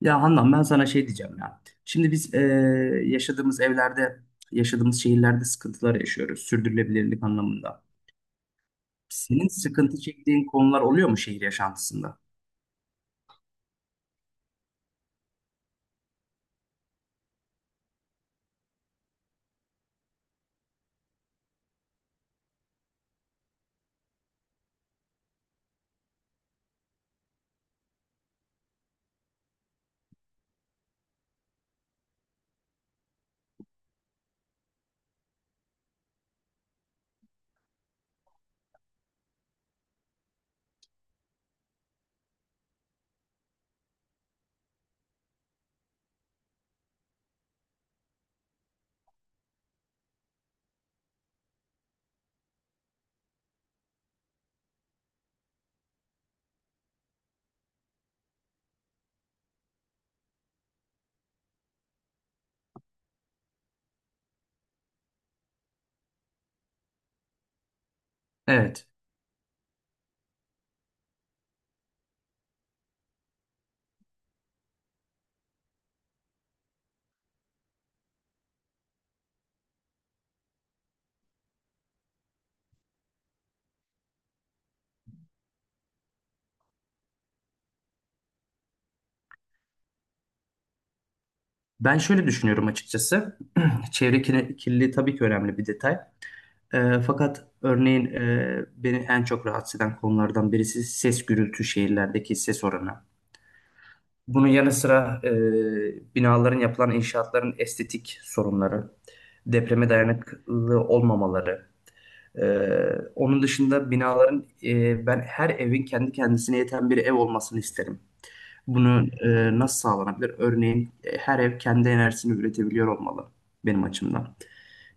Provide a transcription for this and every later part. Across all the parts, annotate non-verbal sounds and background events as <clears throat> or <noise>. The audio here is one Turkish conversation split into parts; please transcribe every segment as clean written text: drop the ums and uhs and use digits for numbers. Ya Handan ben sana şey diyeceğim ya. Şimdi biz yaşadığımız evlerde, yaşadığımız şehirlerde sıkıntılar yaşıyoruz. Sürdürülebilirlik anlamında. Senin sıkıntı çektiğin konular oluyor mu şehir yaşantısında? Evet. Ben şöyle düşünüyorum açıkçası. <clears throat> Çevre kirliliği tabii ki önemli bir detay. Fakat örneğin beni en çok rahatsız eden konulardan birisi ses gürültü şehirlerdeki ses oranı. Bunun yanı sıra binaların yapılan inşaatların estetik sorunları, depreme dayanıklı olmamaları. e, Onun dışında binaların ben her evin kendi kendisine yeten bir ev olmasını isterim. Bunu nasıl sağlanabilir? Örneğin her ev kendi enerjisini üretebiliyor olmalı benim açımdan.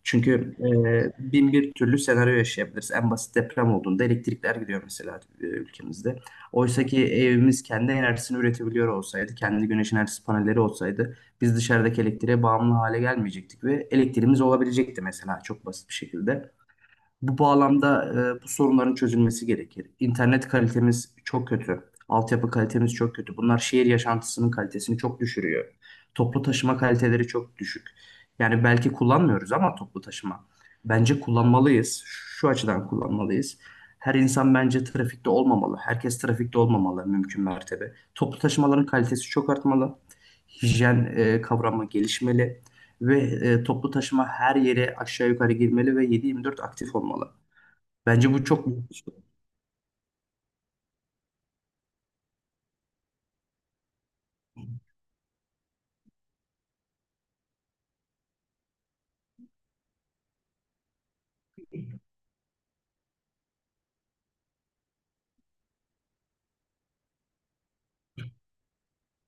Çünkü bin bir türlü senaryo yaşayabiliriz. En basit deprem olduğunda elektrikler gidiyor mesela ülkemizde. Oysa ki evimiz kendi enerjisini üretebiliyor olsaydı, kendi güneş enerjisi panelleri olsaydı biz dışarıdaki elektriğe bağımlı hale gelmeyecektik ve elektriğimiz olabilecekti mesela çok basit bir şekilde. Bu bağlamda bu sorunların çözülmesi gerekir. İnternet kalitemiz çok kötü. Altyapı kalitemiz çok kötü. Bunlar şehir yaşantısının kalitesini çok düşürüyor. Toplu taşıma kaliteleri çok düşük. Yani belki kullanmıyoruz ama toplu taşıma. Bence kullanmalıyız. Şu açıdan kullanmalıyız. Her insan bence trafikte olmamalı. Herkes trafikte olmamalı mümkün mertebe. Toplu taşımaların kalitesi çok artmalı. Hijyen kavramı gelişmeli ve toplu taşıma her yere aşağı yukarı girmeli ve 7/24 aktif olmalı. Bence bu çok büyük bir şey.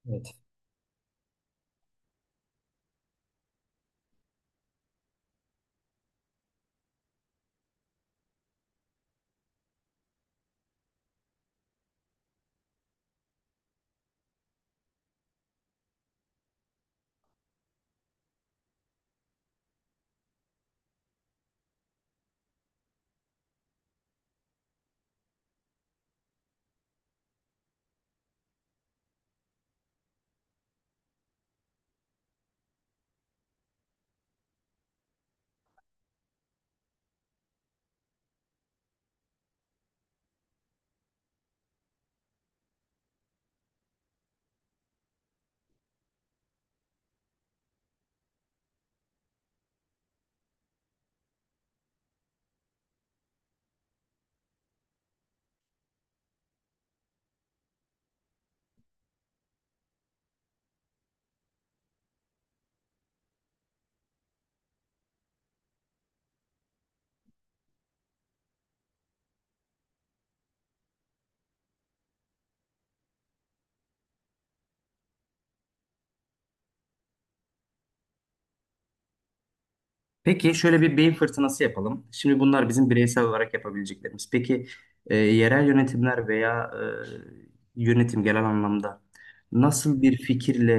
Evet. Peki şöyle bir beyin fırtınası yapalım. Şimdi bunlar bizim bireysel olarak yapabileceklerimiz. Peki yerel yönetimler veya yönetim genel anlamda nasıl bir fikirle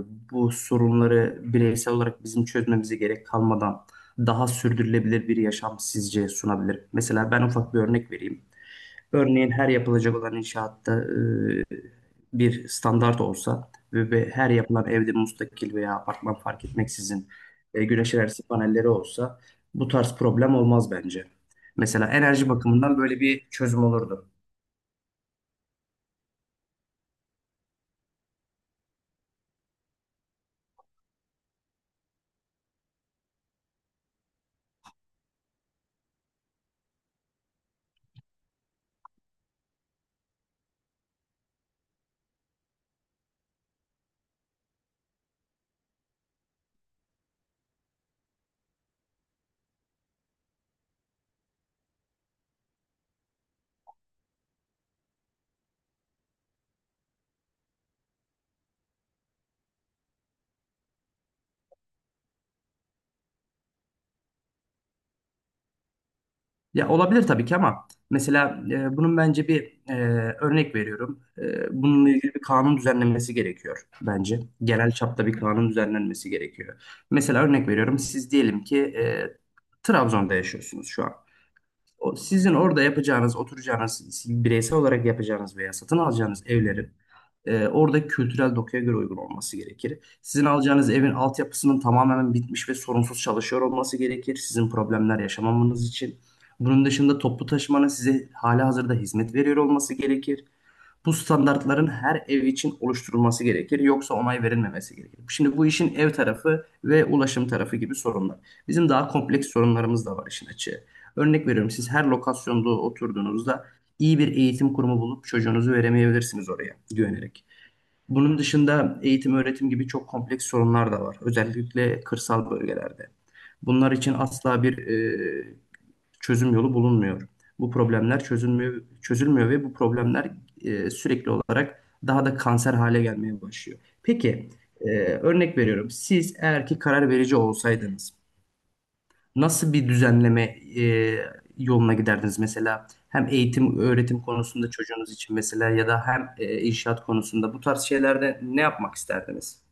bu sorunları bireysel olarak bizim çözmemize gerek kalmadan daha sürdürülebilir bir yaşam sizce sunabilir? Mesela ben ufak bir örnek vereyim. Örneğin her yapılacak olan inşaatta e, bir standart olsa ve her yapılan evde müstakil veya apartman fark etmeksizin güneş enerjisi panelleri olsa bu tarz problem olmaz bence. Mesela enerji bakımından böyle bir çözüm olurdu. Ya olabilir tabii ki ama mesela e, bunun bence bir e, örnek veriyorum. Bununla ilgili bir kanun düzenlenmesi gerekiyor bence. Genel çapta bir kanun düzenlenmesi gerekiyor. Mesela örnek veriyorum siz diyelim ki Trabzon'da yaşıyorsunuz şu an. O sizin orada yapacağınız, oturacağınız, bireysel olarak yapacağınız veya satın alacağınız evlerin orada kültürel dokuya göre uygun olması gerekir. Sizin alacağınız evin altyapısının tamamen bitmiş ve sorunsuz çalışıyor olması gerekir. Sizin problemler yaşamamanız için. Bunun dışında toplu taşımanın size halihazırda hizmet veriyor olması gerekir. Bu standartların her ev için oluşturulması gerekir, yoksa onay verilmemesi gerekir. Şimdi bu işin ev tarafı ve ulaşım tarafı gibi sorunlar. Bizim daha kompleks sorunlarımız da var işin açığı. Örnek veriyorum, siz her lokasyonda oturduğunuzda iyi bir eğitim kurumu bulup çocuğunuzu veremeyebilirsiniz oraya güvenerek. Bunun dışında eğitim öğretim gibi çok kompleks sorunlar da var. Özellikle kırsal bölgelerde. Bunlar için asla çözüm yolu bulunmuyor. Bu problemler çözülmüyor, çözülmüyor ve bu problemler sürekli olarak daha da kanser hale gelmeye başlıyor. Peki, örnek veriyorum. Siz eğer ki karar verici olsaydınız nasıl bir düzenleme e, yoluna giderdiniz? Mesela hem eğitim, öğretim konusunda çocuğunuz için mesela ya da hem inşaat konusunda bu tarz şeylerde ne yapmak isterdiniz?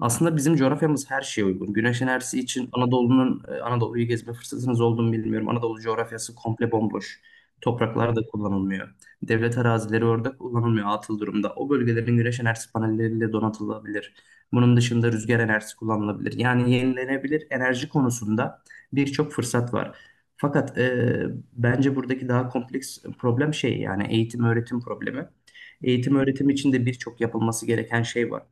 Aslında bizim coğrafyamız her şeye uygun. Güneş enerjisi için Anadolu'yu gezme fırsatınız olduğunu bilmiyorum. Anadolu coğrafyası komple bomboş. Topraklar da kullanılmıyor. Devlet arazileri orada kullanılmıyor atıl durumda. O bölgelerin güneş enerjisi panelleriyle donatılabilir. Bunun dışında rüzgar enerjisi kullanılabilir. Yani yenilenebilir enerji konusunda birçok fırsat var. Fakat bence buradaki daha kompleks problem şey yani eğitim öğretim problemi. Eğitim öğretim için de birçok yapılması gereken şey var.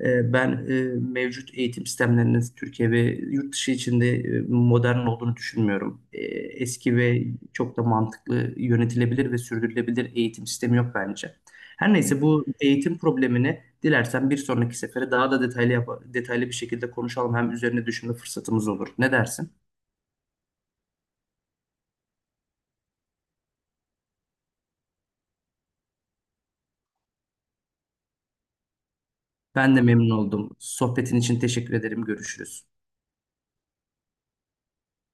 Ben mevcut eğitim sistemlerinin Türkiye ve yurt dışı içinde modern olduğunu düşünmüyorum. Eski ve çok da mantıklı yönetilebilir ve sürdürülebilir eğitim sistemi yok bence. Her neyse bu eğitim problemini dilersen bir sonraki sefere daha da detaylı detaylı bir şekilde konuşalım. Hem üzerine düşünme fırsatımız olur. Ne dersin? Ben de memnun oldum. Sohbetin için teşekkür ederim. Görüşürüz.